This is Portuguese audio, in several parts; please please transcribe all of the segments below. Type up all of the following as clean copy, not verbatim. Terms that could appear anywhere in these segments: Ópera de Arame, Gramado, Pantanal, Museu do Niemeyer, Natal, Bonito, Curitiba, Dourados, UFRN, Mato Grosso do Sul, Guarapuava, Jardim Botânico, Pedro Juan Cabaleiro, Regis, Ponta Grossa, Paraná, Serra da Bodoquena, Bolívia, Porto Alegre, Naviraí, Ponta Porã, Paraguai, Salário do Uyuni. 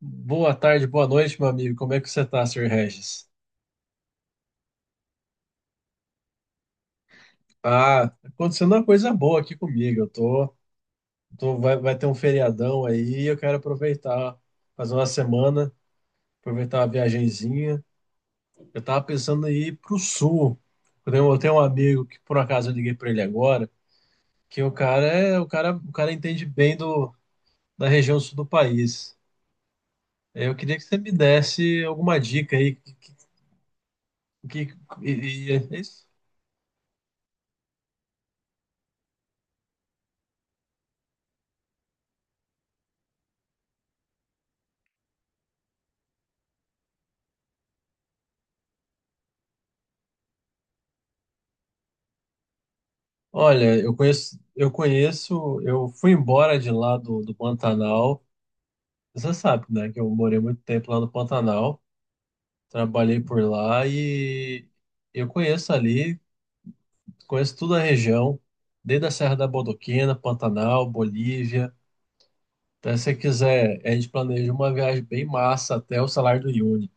Boa tarde, boa noite, meu amigo. Como é que você tá, Sr. Regis? Ah, tá acontecendo uma coisa boa aqui comigo. Vai ter um feriadão aí e eu quero aproveitar, fazer uma semana, aproveitar uma viagenzinha. Eu tava pensando em ir pro sul. Eu tenho um amigo que por acaso eu liguei para ele agora, que o cara é, o cara entende bem da região sul do país. Eu queria que você me desse alguma dica aí, que, que, e, e- Olha, eu conheço, eu fui embora de lá do Pantanal. Você sabe, né, que eu morei muito tempo lá no Pantanal, trabalhei por lá e eu conheço ali, conheço toda a região, desde a Serra da Bodoquena, Pantanal, Bolívia. Então, se você quiser, a gente planeja uma viagem bem massa até o Salário do Uyuni.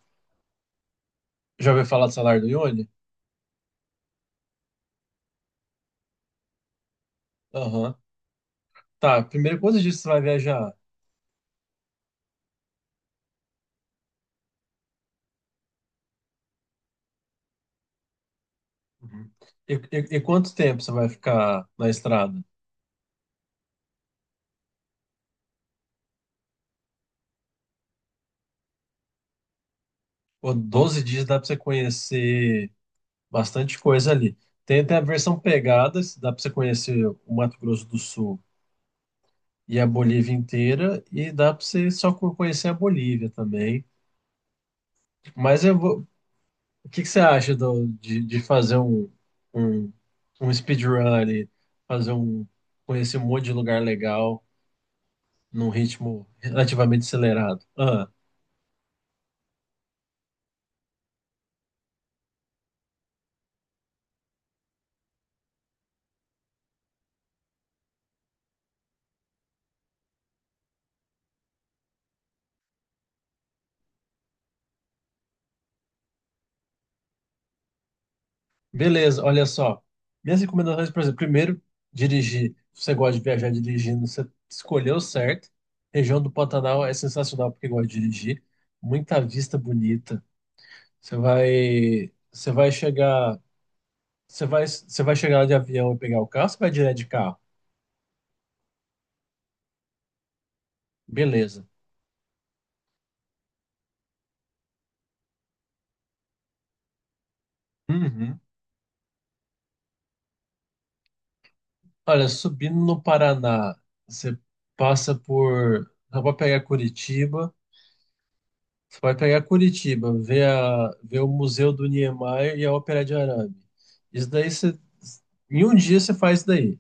Já ouviu falar do Salário do Uyuni? Aham. Tá, primeiro, quantos dias você vai viajar? Uhum. E quanto tempo você vai ficar na estrada? Pô, 12 dias dá pra você conhecer bastante coisa ali. Tem até a versão pegadas, dá pra você conhecer o Mato Grosso do Sul e a Bolívia inteira, e dá pra você só co- conhecer a Bolívia também. Mas eu vou... o que que você acha de fazer um, um speedrun ali, fazer um, conhecer um monte de lugar legal num ritmo relativamente acelerado? Ah. Beleza, olha só. Minhas recomendações, por exemplo, primeiro, dirigir. Se você gosta de viajar dirigindo, você escolheu certo. Região do Pantanal é sensacional porque gosta de dirigir. Muita vista bonita. Você vai chegar, você vai chegar lá de avião e pegar o carro, você vai direto de carro. Beleza. Uhum. Olha, subindo no Paraná, você passa por, dá pra pegar Curitiba. Você vai pegar Curitiba, ver o Museu do Niemeyer e a Ópera de Arame. Isso daí você, em um dia você faz isso daí.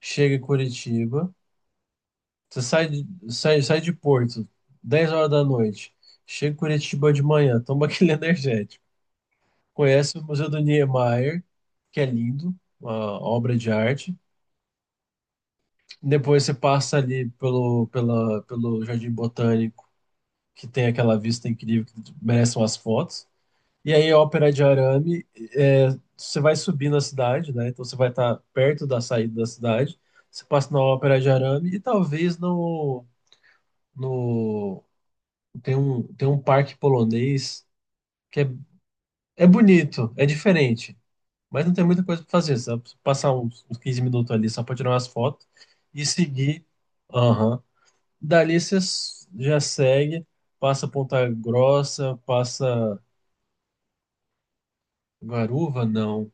Chega em Curitiba, você sai de, sai, sai de Porto, 10 horas da noite. Chega em Curitiba de manhã, toma aquele energético. Conhece o Museu do Niemeyer, que é lindo, uma obra de arte. Depois você passa ali pelo Jardim Botânico, que tem aquela vista incrível, que merece umas fotos. E aí, ópera de arame, é, você vai subir na cidade, né? Então você vai estar perto da saída da cidade. Você passa na ópera de arame e talvez no tem um parque polonês que é, é bonito, é diferente, mas não tem muita coisa para fazer. Você vai passar uns 15 minutos ali só para tirar umas fotos e seguir. Aham. Dali você s- já segue, passa Ponta Grossa, passa Guaruva, não.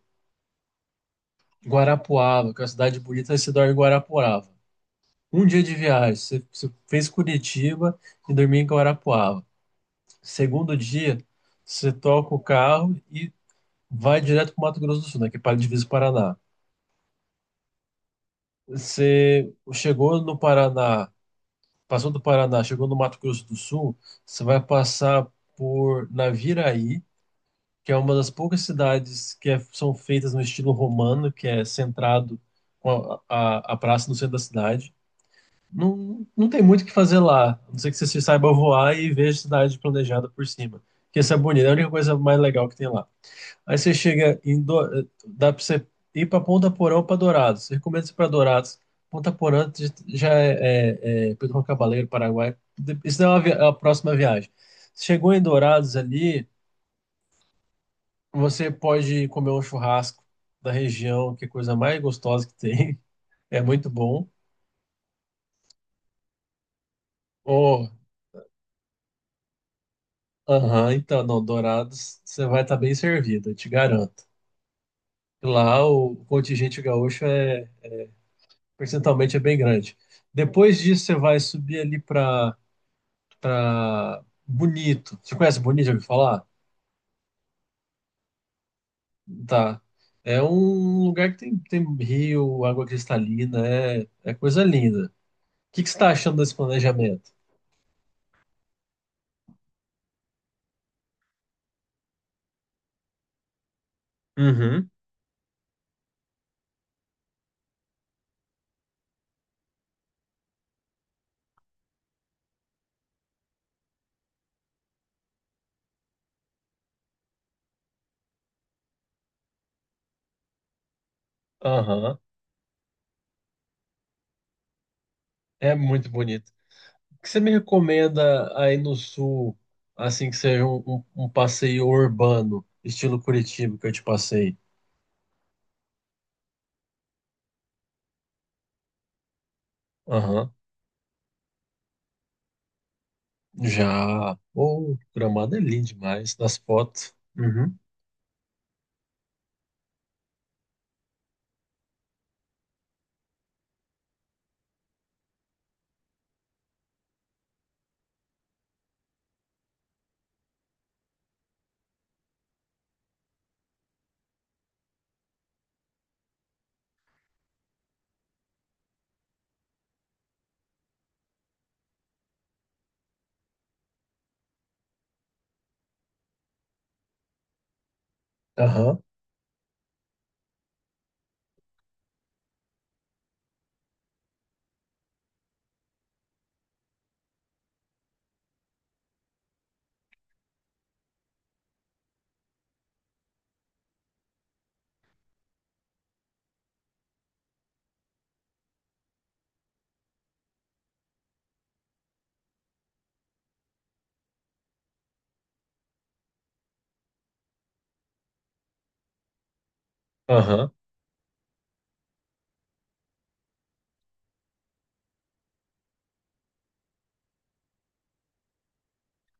Guarapuava, que é uma cidade bonita, você dorme em Guarapuava. Um dia de viagem, você fez Curitiba e dormiu em Guarapuava. Segundo dia, você toca o carro e vai direto para o Mato Grosso do Sul, né, que é para a divisa do Paraná. Você chegou no Paraná, passou do Paraná, chegou no Mato Grosso do Sul, você vai passar por Naviraí, que é uma das poucas cidades que é- são feitas no estilo romano, que é centrado com a praça no centro da cidade. Não tem muito o que fazer lá, a não ser que você se saiba voar e veja a cidade planejada por cima. Que essa é bonita é a única coisa mais legal que tem lá. Aí você chega em. Do... Dá pra você ir pra Ponta Porã ou pra Dourados. Eu recomendo você ir pra Dourados. Ponta Porã já é Pedro Juan Cabaleiro, Paraguai. Isso é uma vi- a próxima viagem. Chegou em Dourados ali, você pode comer um churrasco da região, que é a coisa mais gostosa que tem. É muito bom. Aham, então, não, Dourados, você vai estar bem servido, eu te garanto. Lá o contingente gaúcho percentualmente é bem grande. Depois disso, você vai subir ali para Bonito. Você conhece Bonito, já ouviu falar? Tá. É um lugar que tem rio, água cristalina, é, é coisa linda. O que você está achando desse planejamento? Uhum, aham. É muito bonito. Que você me recomenda aí no sul, assim que seja um passeio urbano, estilo Curitiba que eu te passei? Aham. Já. Oh, Gramado é lindo demais, nas fotos. Uhum. Aham. Aham.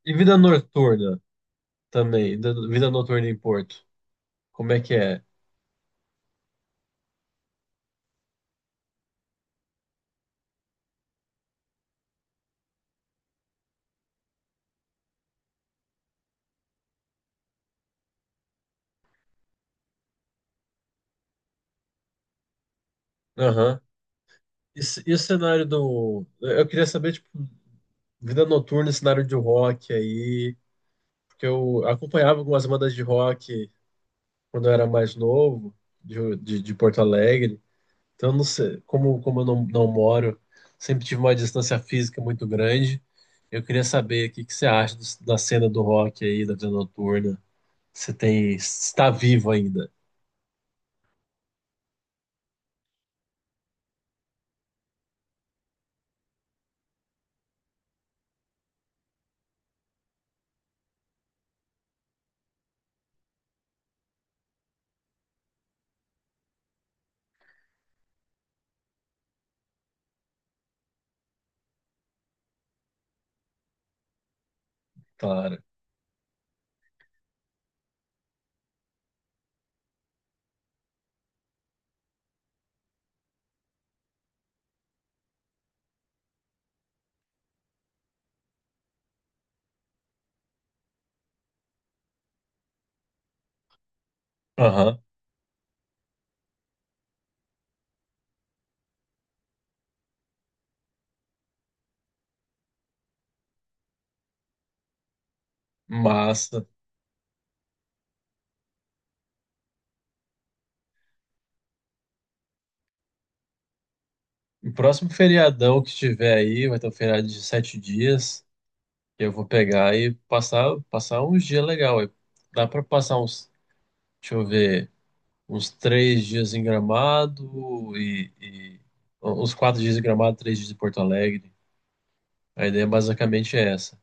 E vida noturna também, vida noturna em Porto. Como é que é? Aham. E, c- e o cenário do. Eu queria saber, tipo, vida noturna, cenário de rock aí, porque eu acompanhava algumas bandas de rock quando eu era mais novo, de Porto Alegre. Então, eu não sei, como, como eu não moro, sempre tive uma distância física muito grande. Eu queria saber o que você acha da cena do rock aí, da vida noturna. Você tem, está vivo ainda, claro. Aham, massa. O próximo feriadão que tiver aí, vai ter um feriado de sete dias. Eu vou pegar e passar, passar uns dias legal aí. Dá para passar uns, deixa eu ver, uns três dias em Gramado e uns quatro dias em Gramado, três dias em Porto Alegre. A ideia basicamente é essa.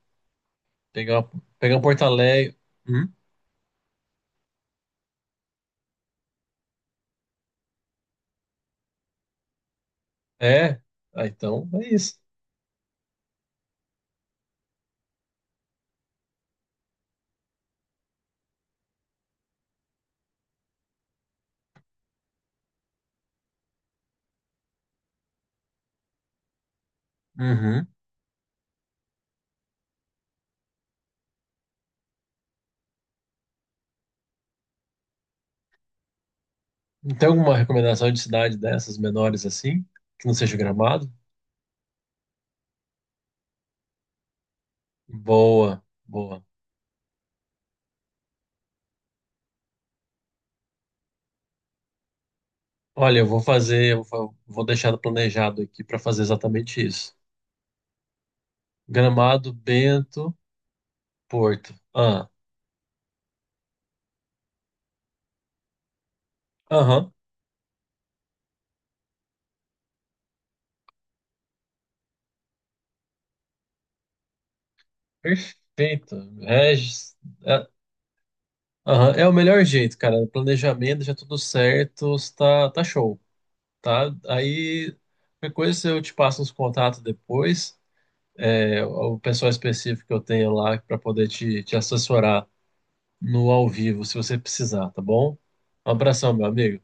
Pegar, pegar um Porto Alegre. Hum? É? Ah, então é isso. Uhum. Tem alguma recomendação de cidade dessas menores assim? Que não seja Gramado? Boa, boa. Olha, eu vou fazer, eu vou deixar planejado aqui para fazer exatamente isso. Gramado, Bento, Porto. Ah, aham, perfeito. Regis, é, aham, é o melhor jeito, cara. Planejamento, já tudo certo, tá, tá show, tá? Aí, qualquer coisa eu te passo os contatos depois, é, o pessoal específico que eu tenho lá para poder te assessorar no ao vivo, se você precisar, tá bom? Um abração, meu amigo.